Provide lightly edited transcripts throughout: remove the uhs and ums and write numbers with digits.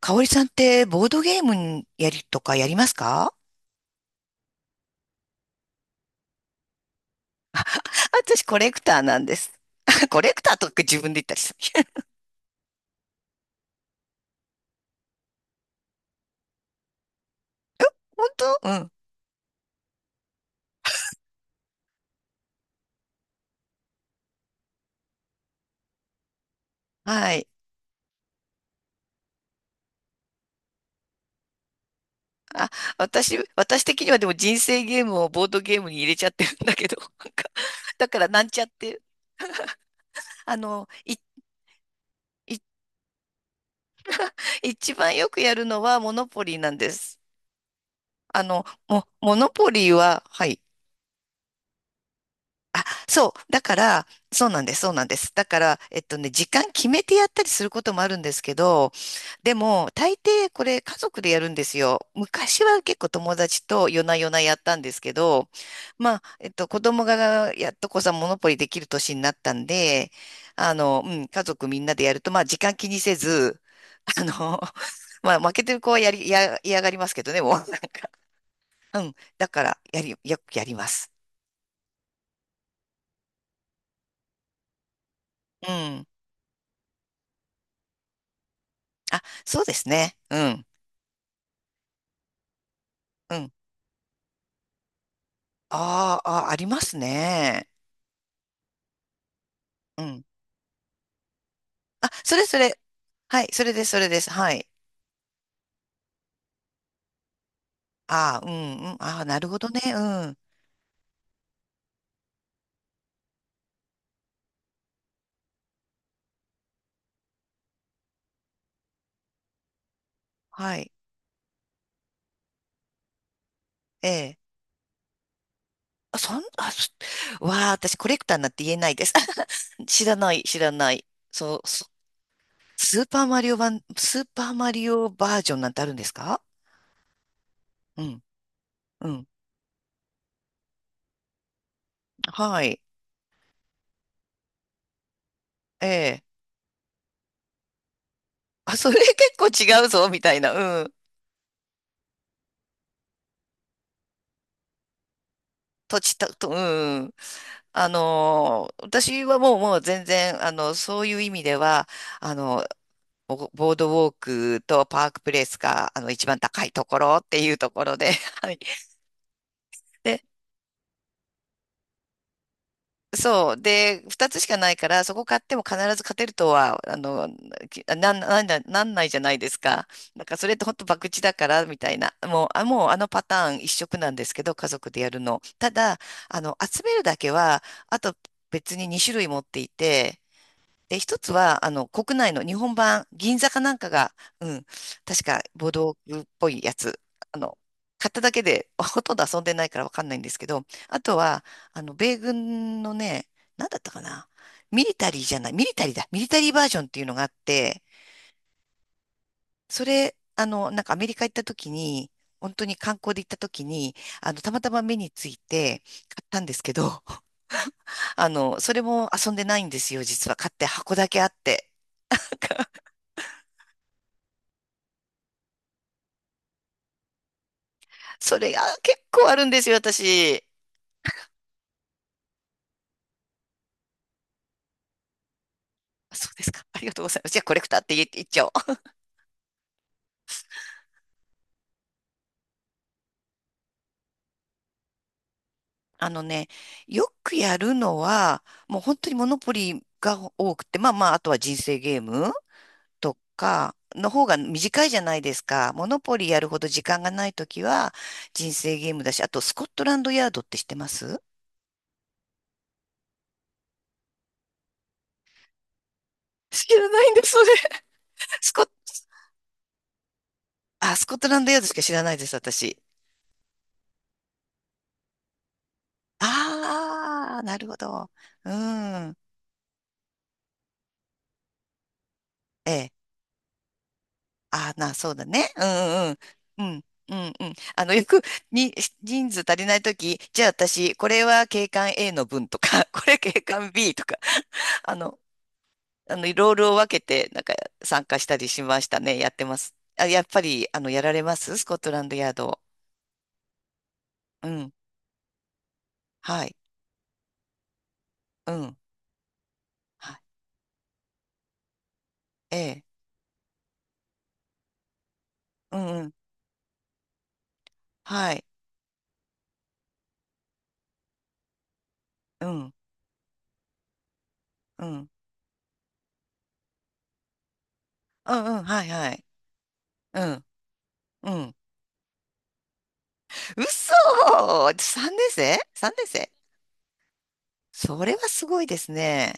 かおりさんってボードゲームやりとかやりますか？私コレクターなんです。コレクターとか自分で言ったりする。本当。うん。はい。あ、私、私的にはでも人生ゲームをボードゲームに入れちゃってるんだけど、なんか、だからなんちゃって、あの、い、い、一番よくやるのはモノポリーなんです。モノポリーは。はい。そう。だから、そうなんです、そうなんです。だから、時間決めてやったりすることもあるんですけど、でも、大抵これ家族でやるんですよ。昔は結構友達と夜な夜なやったんですけど、まあ、子供がやっとこさ、モノポリできる年になったんで、うん、家族みんなでやると、まあ、時間気にせず、あの、まあ、負けてる子はやり、や、嫌がりますけどね、もう、なんか、うん。だから、よくやります。うん。あ、そうですね。うん。うん。あーあー、ありますね。うん。あ、それそれ。はい、それです、それです。はい。ああ、うん、うん。ああ、なるほどね。うん。はい。ええ。あ、そん、あ、そわあ、私コレクターになって言えないです。知らない、知らない。そう、そスーパーマリオ版、スーパーマリオバージョンなんてあるんですか？うん、うん。はい。ええ。あ、それ結構違うぞ、みたいな。うん。土地たと、うん。私はもう、もう全然、そういう意味では、あの、ボードウォークとパークプレイスが、一番高いところっていうところで、はい。で、そう。で、二つしかないから、そこ買っても必ず勝てるとは、きなん、なんだ、なんないじゃないですか。だからそれって本当博打だから、みたいな。もう、あ、もうあのパターン一色なんですけど、家族でやるの。ただ、集めるだけは、あと別に2種類持っていて、で、一つは、国内の日本版、銀座かなんかが、うん、確か、ボードっぽいやつ、あの、買っただけで、ほとんど遊んでないからわかんないんですけど、あとは、米軍のね、なんだったかな、ミリタリーじゃない、ミリタリーだ、ミリタリーバージョンっていうのがあって、それ、なんかアメリカ行った時に、本当に観光で行った時に、たまたま目について買ったんですけど、それも遊んでないんですよ、実は。買って箱だけあって。それが結構あるんですよ、私。そうですか。ありがとうございます。じゃあ、コレクターって言っちゃおう。あのね、よくやるのは、もう本当にモノポリが多くて、まあまあ、あとは人生ゲームとかの方が短いじゃないですか。モノポリやるほど時間がないときは、人生ゲームだし、あと、スコットランドヤードって知ってます？知らないんです、それ。スコッ、スコットランドヤードしか知らないです、私。ああ、なるほど。うん。ええ。そうだね。うんうんうん。うんうんうん。あの、よく、に、人数足りないとき、じゃあ私、これは警官 A の分とか、これ警官 B とか、あの、ロールを分けて、なんか、参加したりしましたね。やってます。あ、やっぱり、やられますスコットランドヤード。うん。はい。うん。はい。ええ。うんうん。はい。うん。うん。うんうん。はいはい。うん。うん。嘘 !3 年生 ?3 年生。それはすごいですね。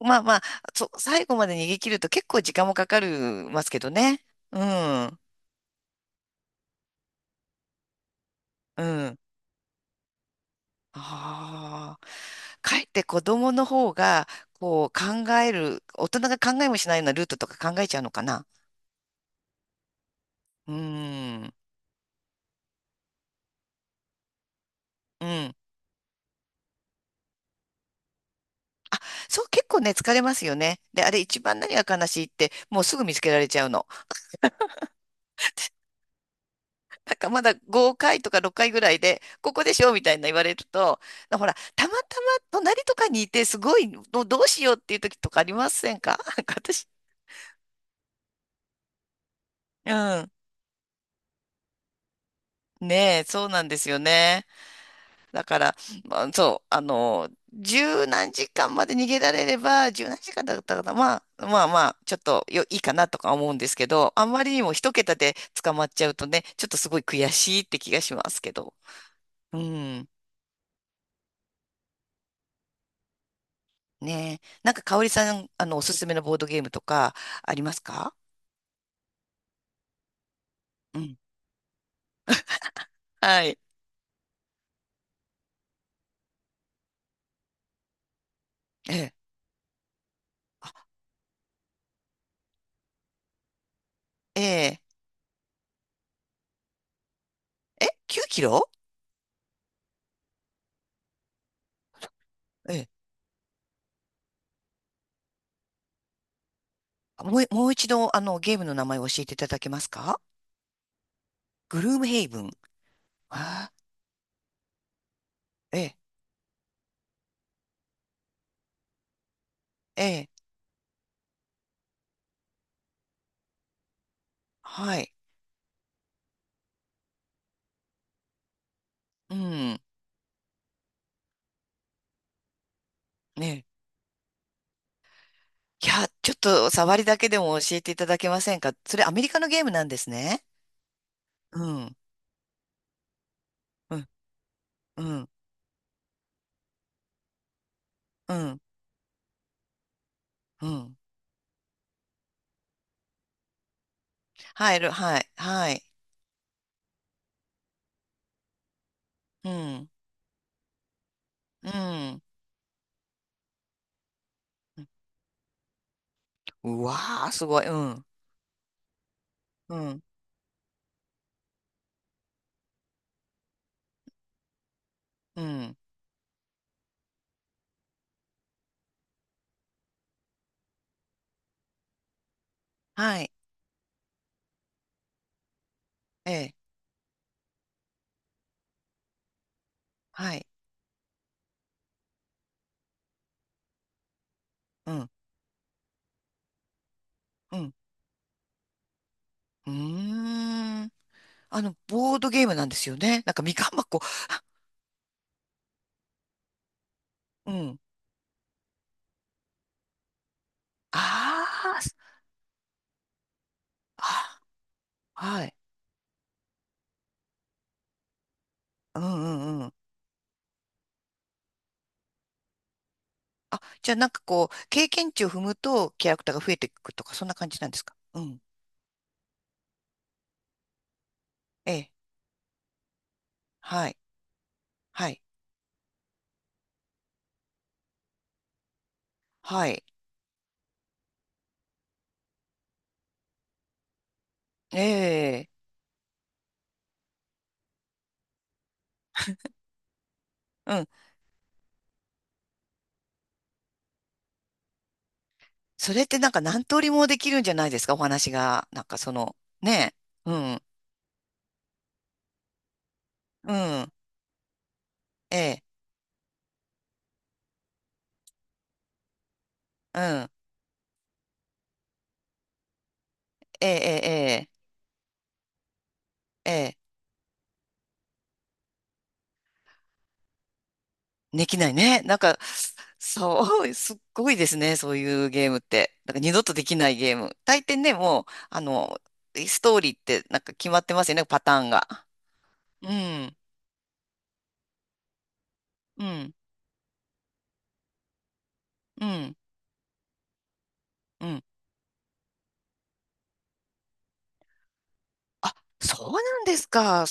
まあまあ、そう、最後まで逃げ切ると結構時間もかかるますけどね。うん、うん。ああ。かえって子供の方が、こう考える、大人が考えもしないようなルートとか考えちゃうのかな。うん、うん。あ、そう、結構ね、疲れますよね。で、あれ一番何が悲しいって、もうすぐ見つけられちゃうの。なんかまだ5回とか6回ぐらいで、ここでしょみたいな言われると、ほら、たまたま隣とかにいて、すごい、どうしようっていう時とかありませんか？ なんか私、うん。ねえ、そうなんですよね。だから、まあ、そう、十何時間まで逃げられれば、十何時間だったかな、まあ、まあまあ、ちょっとよ、いいかなとか思うんですけど、あんまりにも一桁で捕まっちゃうとね、ちょっとすごい悔しいって気がしますけど。うん。ねえ。なんか、香織さん、おすすめのボードゲームとか、ありますか？うん。はい。ええ。ええ。え、9キロ？ええ。もう、もう一度、ゲームの名前を教えていただけますか？グルームヘイブン。ああ、ええ、ええ、はい。うん。ねえ。いや、ちょっと、触りだけでも教えていただけませんか？それ、アメリカのゲームなんですね。うん。うん。うん。うん。うん。入るはい。はい。うん。うん。うわあ、すごい。うん。うん。うん。はい。ええ。はい。うん。うん。うーん。ボードゲームなんですよね。なんかみかん箱。うん。あーあ、はい。うんうんうん。あ、じゃあなんかこう、経験値を踏むとキャラクターが増えていくとか、そんな感じなんですか？うん。ええ。はい。はい。はい。ええ。うん。それってなんか何通りもできるんじゃないですか？お話が。なんかその、ねえ。うん。うん。ええ。うん。ええ。ええ。ええ。できないね。なんか、そう、すっごいですね。そういうゲームって。なんか二度とできないゲーム。大抵ね、もう、ストーリーってなんか決まってますよね、パターンが。うん、うん、うん、うん。あ、そうなんですか？